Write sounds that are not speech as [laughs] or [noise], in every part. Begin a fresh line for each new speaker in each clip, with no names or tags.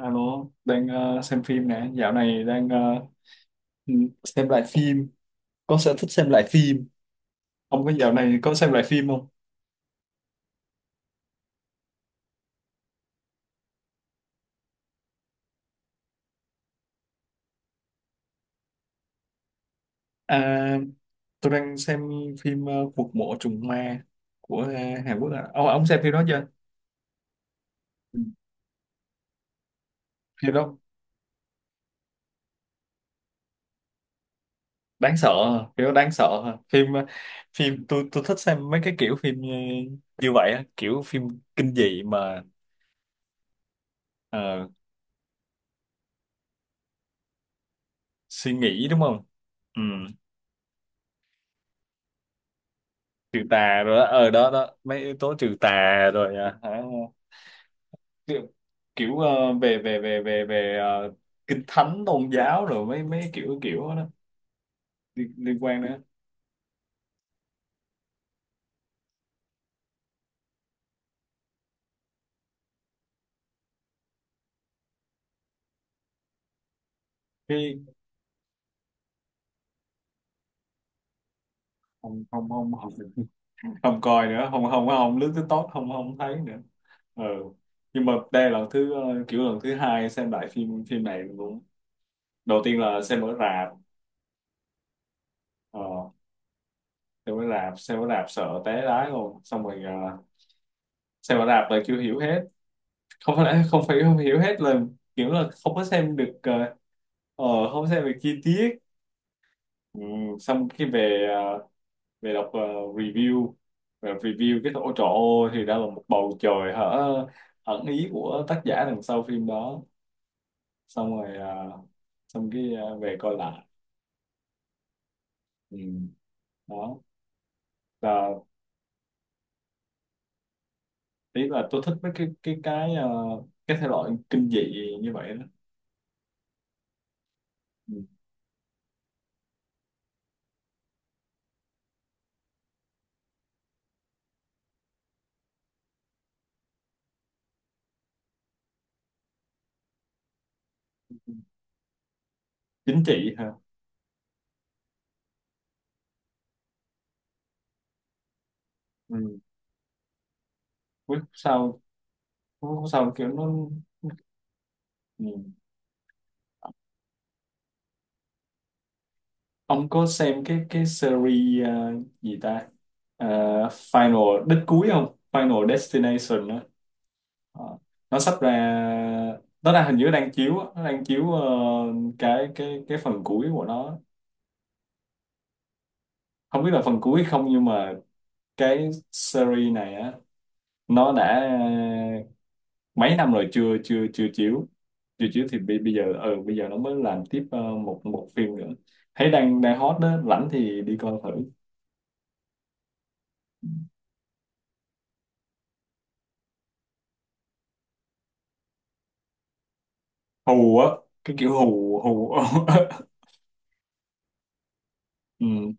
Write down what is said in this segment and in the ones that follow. Alo, đang xem phim nè, dạo này đang ừ, xem lại phim, có sở thích xem lại phim. Ông có dạo này có xem lại phim không? À, tôi đang xem phim Cuộc Mộ Trùng Ma của Hàn Quốc ạ. Ông xem phim đó chưa? Ừ. Phim đó đáng sợ, à, phim đó đáng sợ. À. Phim tôi thích xem mấy cái kiểu phim như vậy, á, kiểu phim kinh dị mà ờ, suy nghĩ đúng không? Ừ. Trừ tà rồi đó, ở đó đó mấy yếu tố trừ tà rồi, à hả? kiểu, kiểu về về về về về kinh thánh tôn giáo, rồi mấy mấy kiểu kiểu đó liên quan nữa. Cái không không, không coi nữa, không không không lướt tới tốt, không không thấy nữa. Ừ. Nhưng mà đây là lần thứ kiểu lần thứ hai xem lại phim phim này luôn, đầu tiên là xem ở rạp. ờ, xem ở rạp, xem ở rạp sợ té lái luôn. Xong rồi xem ở rạp là chưa hiểu hết. Không phải không hiểu hết là, kiểu là không có xem được ờ, không xem được chi tiết. Ừ, xong cái về về đọc review, về review cái, ôi trời ơi, thì ra là một bầu trời hả ẩn ý của tác giả đằng sau phim đó. Xong rồi xong cái về coi lại. Ừ, đó là ý là tôi thích mấy cái cái thể loại kinh dị như vậy đó. Ừ. Chính trị hả? Ừ. Cuối sau cuối sau kiểu nó. Ừ. Ông có xem cái series gì ta, Ờ, Final đích cuối không, Final Destination đó? Ờ, nó sắp ra, nó đang hình như đang chiếu á. Nó đang chiếu cái phần cuối của nó. Không biết là phần cuối không nhưng mà cái series này á, nó đã mấy năm rồi chưa chưa chưa chiếu. Chưa chiếu thì bây giờ, ừ, bây giờ nó mới làm tiếp một một phim nữa. Thấy đang đang hot đó, rảnh thì đi coi thử. Hù á, cái kiểu hù hù. [laughs] Ừ.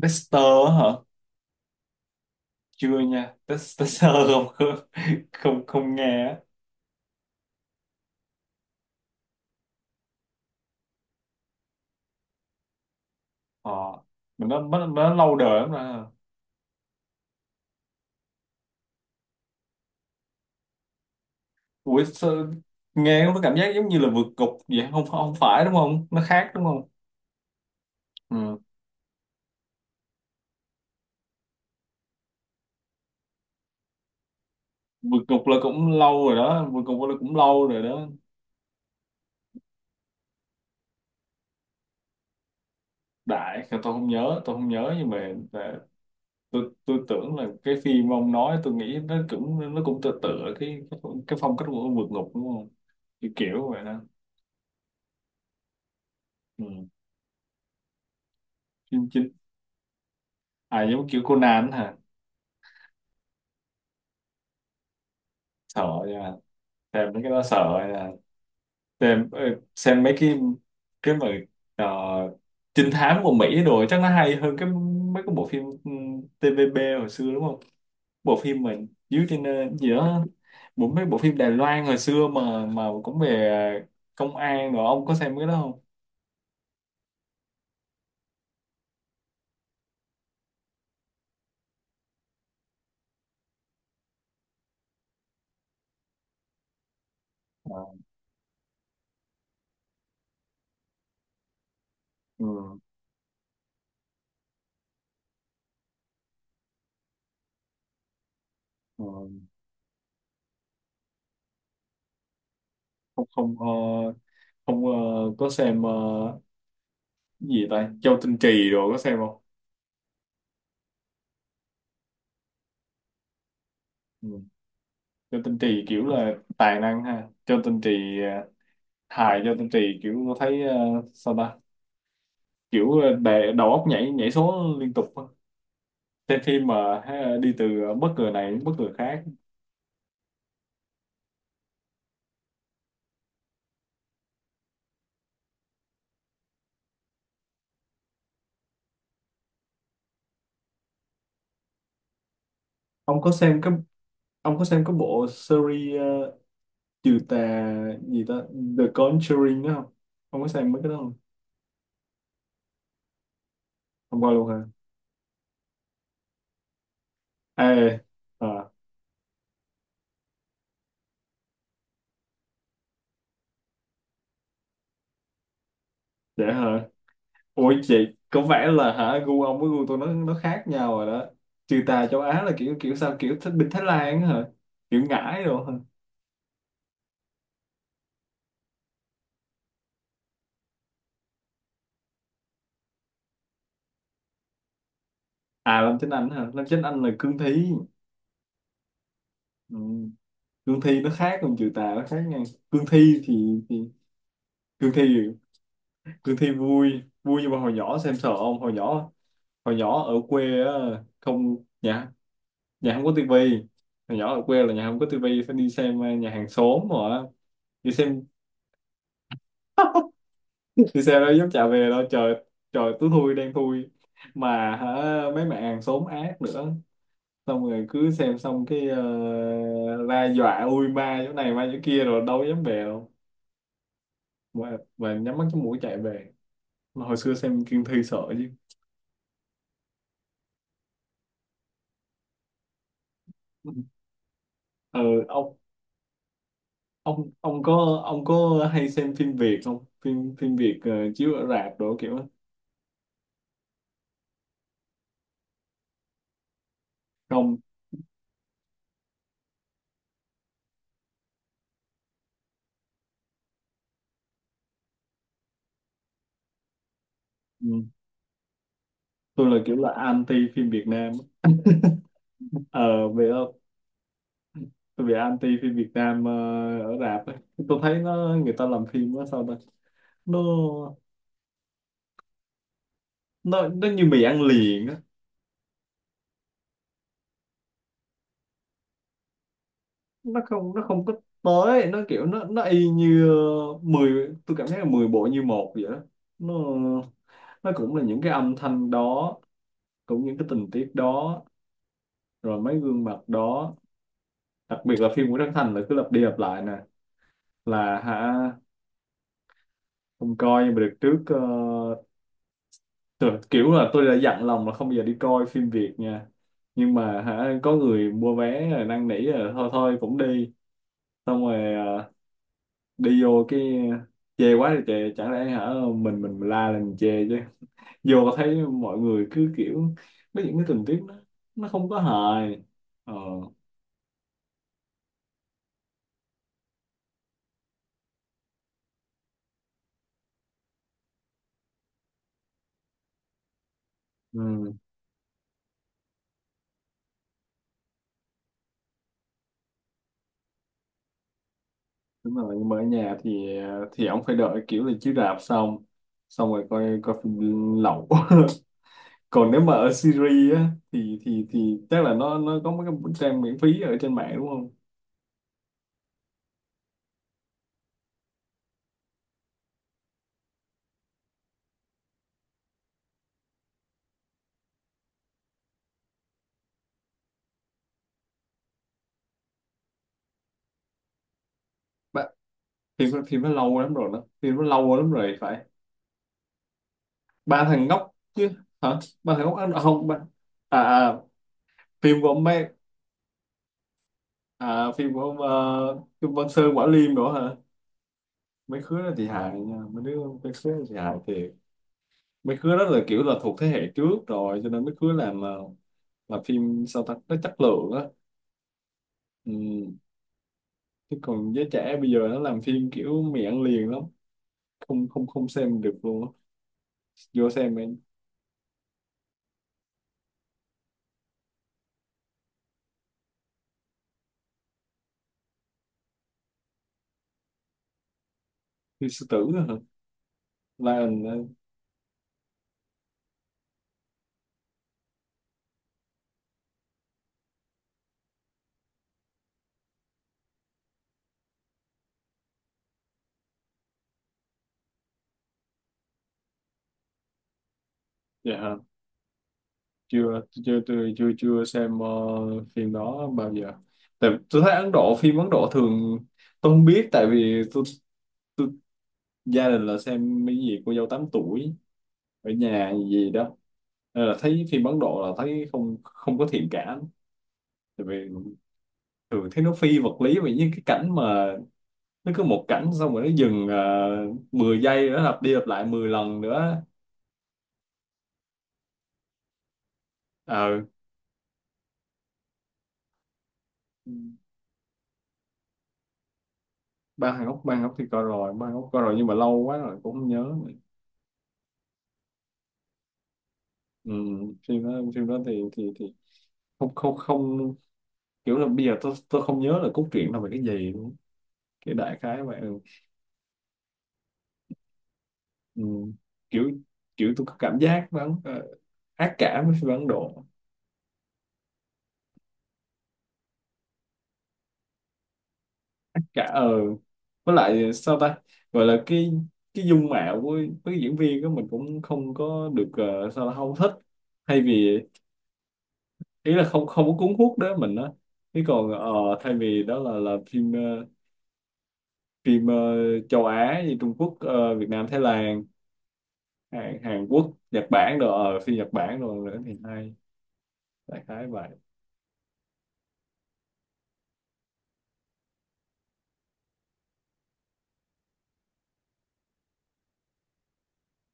Tester á hả? Chưa nha. Tester. [laughs] Không, không nghe á. ờ mình nó, nó lâu đời lắm rồi. Ủa sao, nghe nó cảm giác giống như là vượt ngục vậy, không, không phải đúng không, nó khác đúng không? Ừ. Vượt ngục là cũng lâu rồi đó, vượt ngục là cũng lâu rồi đó. Đại tôi không nhớ, tôi không nhớ, nhưng mà à, tôi tưởng là cái phim ông nói tôi nghĩ nó cũng, nó cũng tựa tựa cái phong cách của vượt ngục đúng không, kiểu kiểu vậy đó. Ừ. Phim chính, à giống kiểu Conan hả? Sợ nha, xem mấy cái đó sợ nha. Xem xem mấy cái mà ờ, trinh thám của Mỹ rồi chắc nó hay hơn cái mấy cái bộ phim TVB hồi xưa đúng không, bộ phim mà dưới trên gì đó, bộ mấy bộ phim Đài Loan hồi xưa mà cũng về công an rồi, ông có xem cái đó không? À. Ờ, ờ, không không không có xem gì ta, Châu Tinh Trì rồi có xem không? Ừ. Châu Tinh Trì kiểu là tài năng ha, Châu Tinh Trì ờ, hài Châu Tinh Trì kiểu có thấy sao ta, kiểu để đầu óc nhảy nhảy số liên tục á. Xem phim mà ha, đi từ bất ngờ này đến bất ngờ khác. ông có xem cái ông có xem cái bộ series trừ tà gì ta, The Conjuring đó không? Ông có xem mấy cái đó không? Không coi luôn hả? Ê, à, dễ hả? Ủa chị, có vẻ là hả gu ông với gu tôi nó khác nhau rồi đó. Trừ tà châu Á là kiểu kiểu sao, kiểu thích bên Thái Lan á hả, kiểu ngải rồi hả? À Lâm Chánh Anh hả, Lâm Chánh Anh là Cương Thi. Ừ. Cương Thi nó khác, còn trừ tà nó khác nha. Cương Thi thì, Cương Thi Cương Thi vui vui nhưng mà hồi nhỏ xem sợ. Ông hồi nhỏ, hồi nhỏ ở quê á, không nhà, nhà không có tivi. Hồi nhỏ ở quê là nhà không có tivi, phải đi xem nhà hàng xóm rồi á. Đi xem thì sao đó dám trả về đâu trời, trời tối thui đen thui, mà hả, mấy bạn hàng xóm ác nữa. Xong rồi cứ xem xong cái ra dọa ui ma chỗ này ma chỗ kia, rồi đâu dám về đâu, mà nhắm mắt cái mũi chạy về, mà hồi xưa xem Kiên Thi sợ chứ. Ờ. ông ông có hay xem phim Việt không, phim phim Việt chiếu ở rạp đồ kiểu đó? Không. Ừ. Tôi là kiểu là anti phim Việt Nam. Ờ Vậy tôi bị anti phim Việt Nam ở rạp ấy. Tôi thấy nó, người ta làm phim nó sao ta, nó nó nó như mì ăn liền á. Nó không có tới, nó kiểu nó y như 10, tôi cảm thấy là 10 bộ như một vậy đó. nó nó cũng là những cái âm thanh đó, cũng những cái tình tiết đó, rồi mấy gương mặt đó. Đặc biệt là phim của Trấn Thành là cứ lặp đi lặp lại nè. Là hả? Không coi nhưng mà được trước Thật, kiểu là tôi đã dặn lòng là không bao giờ đi coi phim Việt nha. Nhưng mà hả, có người mua vé rồi năn nỉ rồi thôi thôi cũng đi. Xong rồi à, đi vô cái chê quá thì chê, chẳng lẽ hả mình la lên mình chê chứ. [laughs] Vô thấy mọi người cứ kiểu có những cái tình tiết nó, không có hài. Ờ. Ừ, đúng rồi, nhưng mà ở nhà thì thì ông phải đợi kiểu là chiếu rạp xong, xong rồi coi coi phim lậu. [laughs] Còn nếu mà ở Siri á thì thì chắc là nó có mấy cái trang miễn phí ở trên mạng đúng không? Ba, thì nó lâu lắm rồi đó, thì nó lâu lắm rồi phải, ba thằng ngốc chứ hả, ba thằng ngốc ăn không, ba à, à phim của ông mấy, à phim của ông phim Văn Sơn Quả Liêm nữa hả? Mấy khứa đó thì hài nha, mấy đứa mấy khứa đó thì hài thiệt. Mấy khứa đó là kiểu là thuộc thế hệ trước rồi cho nên mấy khứa làm là phim sao ta, nó chất lượng á. Ừ. Chứ còn giới trẻ bây giờ nó làm phim kiểu mì ăn liền lắm, không không không xem được luôn á. Vô xem em, như sư tử á hả, Lion á? Dạ hả? Chưa chưa tôi chưa chưa xem phim đó bao giờ. Tại tôi thấy Ấn Độ, phim Ấn Độ thường, tôi không biết tại vì tôi, gia đình là xem cái gì cô dâu 8 tuổi ở nhà gì đó, nên là thấy phim Ấn Độ là thấy không, không có thiện cảm. Tại vì thường thấy nó phi vật lý vì những cái cảnh mà nó cứ một cảnh xong rồi nó dừng 10 giây nữa, lặp đi lặp lại 10 lần nữa. Ờ. Ba hàng ốc, ba hàng ốc thì coi rồi, ba hàng ốc coi rồi nhưng mà lâu quá rồi cũng không nhớ nữa. Ừ, phim đó, phim đó thì không, không, không, kiểu là bây giờ tôi không nhớ là cốt truyện là về cái gì luôn. Cái đại khái vậy. Ừ. Ừ. kiểu kiểu tôi có cảm giác vẫn ác cảm với phim Ấn Độ. Ác cả ờ Với lại sao ta, gọi là cái dung mạo của với diễn viên đó mình cũng không có được sao là không thích. Thay vì, ý là không, không có cuốn hút đó mình á. Thế còn thay vì đó là phim phim ờ, châu Á như Trung Quốc, Việt Nam, Thái Lan, Hàn Quốc, Nhật Bản rồi phim Nhật Bản rồi nữa thì hay, đại khái vậy.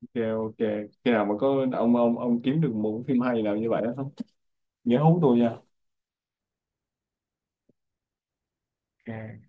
Ok, ok, khi nào mà có ông ông kiếm được một cái phim hay nào như vậy đó không, nhớ hú tôi nha. Ok.